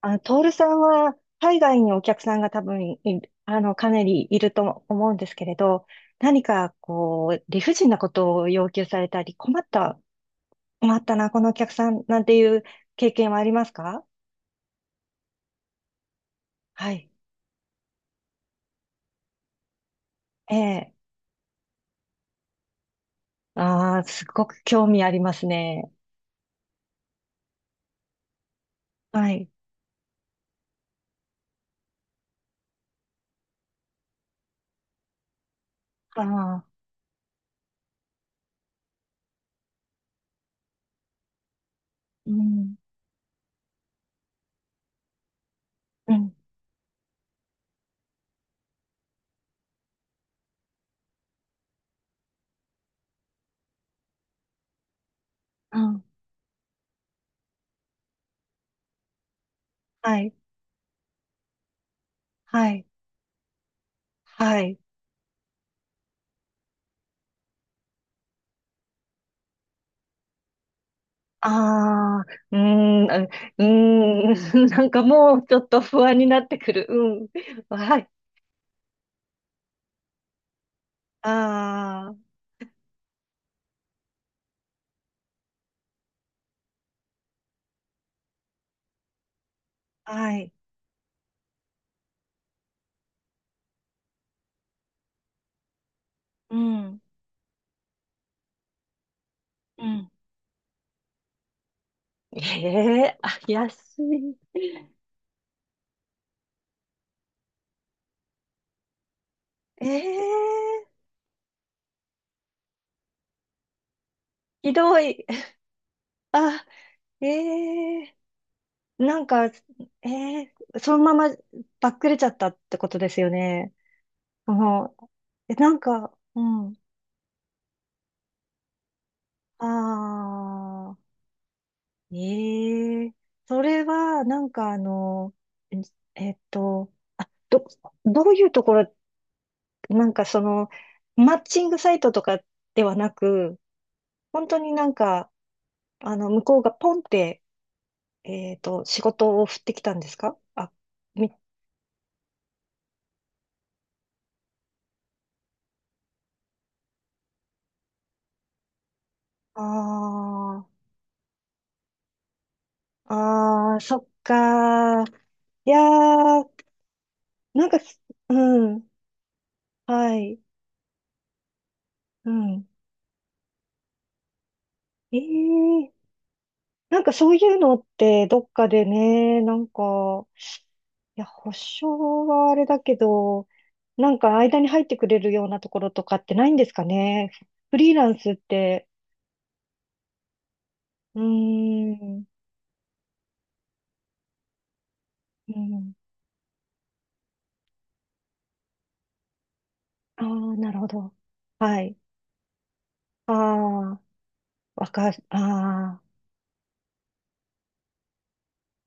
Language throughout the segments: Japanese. あ、トールさんは海外にお客さんが多分い、あの、かなりいると思うんですけれど、何かこう、理不尽なことを要求されたり、困ったな、このお客さんなんていう経験はありますか？はい。ええ。ああ、すごく興味ありますね。はい。ああ、うん、うん、うん。はい、はい、はい。ああ、うーん、うーん、なんかもうちょっと不安になってくる。うん。はい。ああ、はい。うん、うん。ええ、あ、安い。ええ、ひどい。あ、ええ、なんか、ええ、そのままばっくれちゃったってことですよね。もう、え、なんか、うん。ああ、ええ、それは、なんかあの、ええっと、あ、どういうところ、なんかその、マッチングサイトとかではなく、本当になんか、あの、向こうがポンって、仕事を振ってきたんですかあ？み、あー、あー、そっかー。いやー、なんかうん、はい、うん。えー、なんかそういうのってどっかでね、なんか、いや、保証はあれだけど、なんか間に入ってくれるようなところとかってないんですかね？フリーランスって、うーん、うん。ああ、なるほど。はい。ああ、ああ、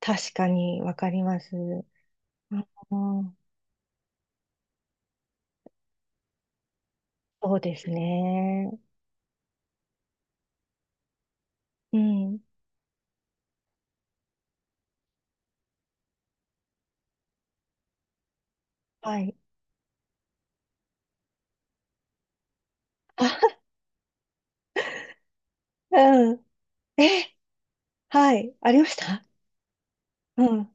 確かにわかります。ああ、そうですね。うん。はい。あ、うん。え、はい。ありました。 うん。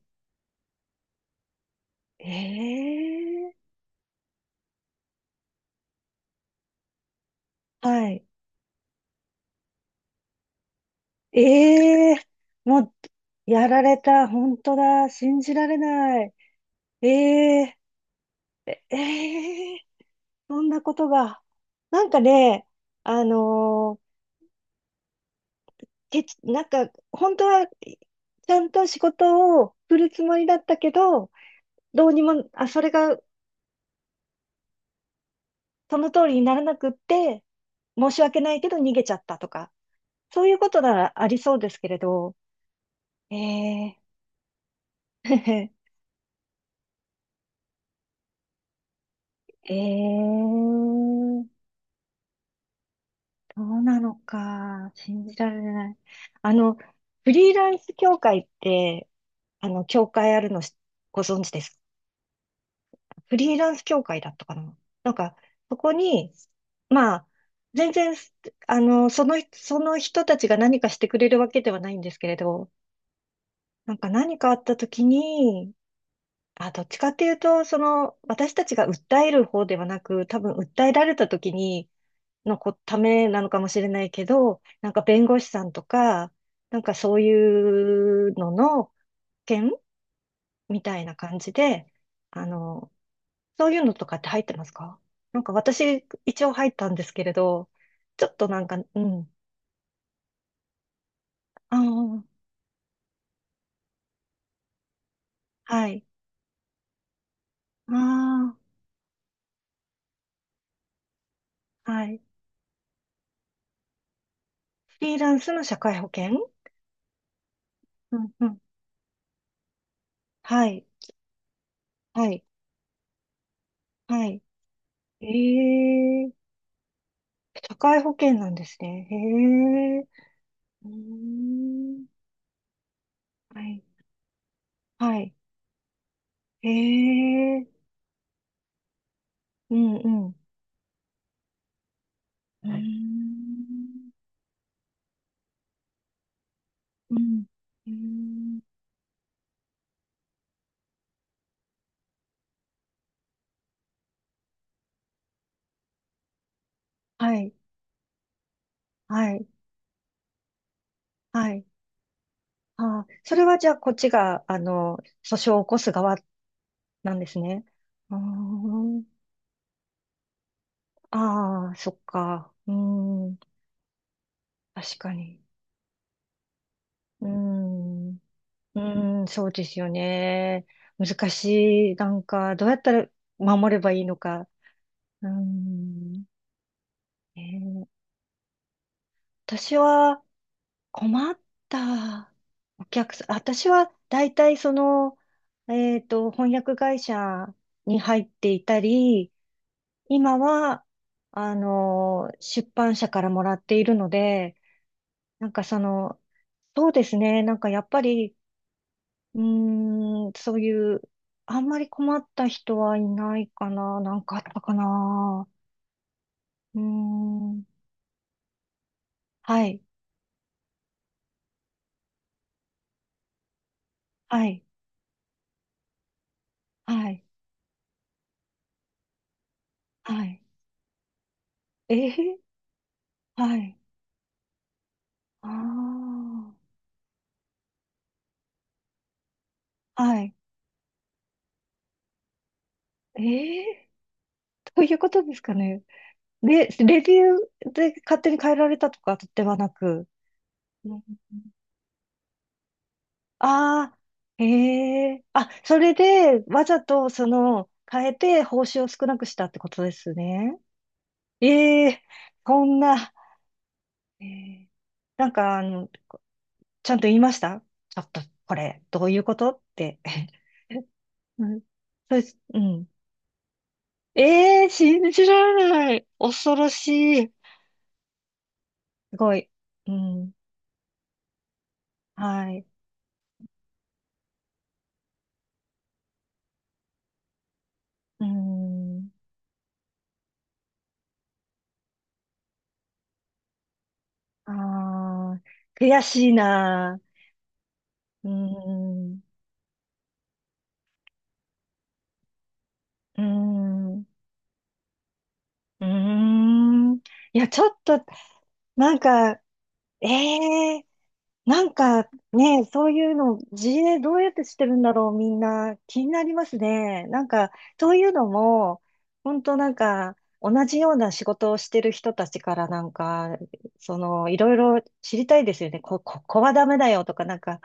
ええ、はい。ええ、もう、やられた。本当だ。信じられない。ええ、ええ、そんなことが。なんかね、あのーてつ、なんか、本当は、ちゃんと仕事を振るつもりだったけど、どうにも、あ、それがその通りにならなくって、申し訳ないけど逃げちゃったとか、そういうことならありそうですけれど、ええ。 ええ、そうなのか、信じられない。あの、フリーランス協会って、あの、協会あるのしご存知です？フリーランス協会だったかな。なんか、そこに、まあ、全然、あの、その人たちが何かしてくれるわけではないんですけれど、なんか何かあった時に、あ、どっちかっていうと、その、私たちが訴える方ではなく、多分訴えられた時に、ためなのかもしれないけど、なんか弁護士さんとか、なんかそういうのの件みたいな感じで、あの、そういうのとかって入ってますか？なんか私、一応入ったんですけれど、ちょっとなんか、うん。ああ、はい。ああ、はい。フリーランスの社会保険？うんうん。はい。はい。はい。ええ、社会保険なんですね。へえ。うーん。はい。はい。へえ。うんうん。うーん。うん。うーん、はい。はい。はい。ああ、それはじゃあこっちが、あの、訴訟を起こす側なんですね。あー、ああ、そっか。うん、確かに。うん、うん、そうですよね。難しい。なんか、どうやったら守ればいいのか。うん、ねえー。私は困ったお客さん、私は大体その、翻訳会社に入っていたり、今は、あの、出版社からもらっているので、なんかその、そうですね、なんかやっぱり、うーん、そういう、あんまり困った人はいないかな、なんかあったかな。うーん、はい、はい、はい、はい。えー、はい、ああ、はい。ええー、どういうことですかね。で、レビューで勝手に変えられたとかではなく。うん、ああ、へえ。あ、それで、わざと、その、変えて、報酬を少なくしたってことですね。ええ、こんな、ええ、なんか、あの、ちゃんと言いました？ちょっと、これ、どういうことって。うん、そうです。うん。ええ、信じられない。恐ろしい。すごい。うん。はい。うん。ああ、悔しいな。うん。うん。うーん。いや、ちょっと、なんか、ええ、なんかね、そういうの、自衛どうやってしてるんだろう、みんな。気になりますね。なんか、そういうのも、本当なんか、同じような仕事をしてる人たちからなんか、その、いろいろ知りたいですよね。ここはダメだよとか、なんか、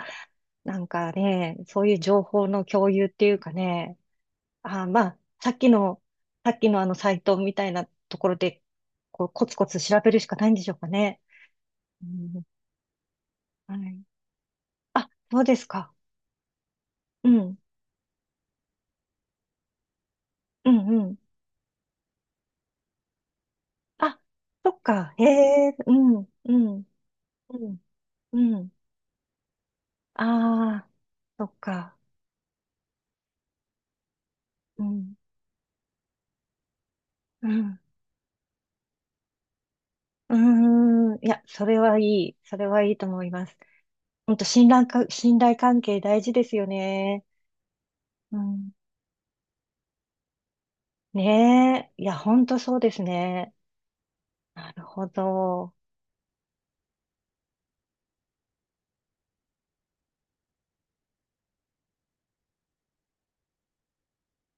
なんかね、そういう情報の共有っていうかね。あー、まあ、さっきのあのサイトみたいなところで、こう、コツコツ調べるしかないんでしょうかね？うん、はい。あ、そうですか？うん、うん、うん。あ、そっか。へえ、うん、うん、うん、うん。ああ、そっか。うん、うん。うーん。いや、それはいい。それはいいと思います。本当信頼関係大事ですよね。うん。ねえ。いや、本当そうですね。なるほど。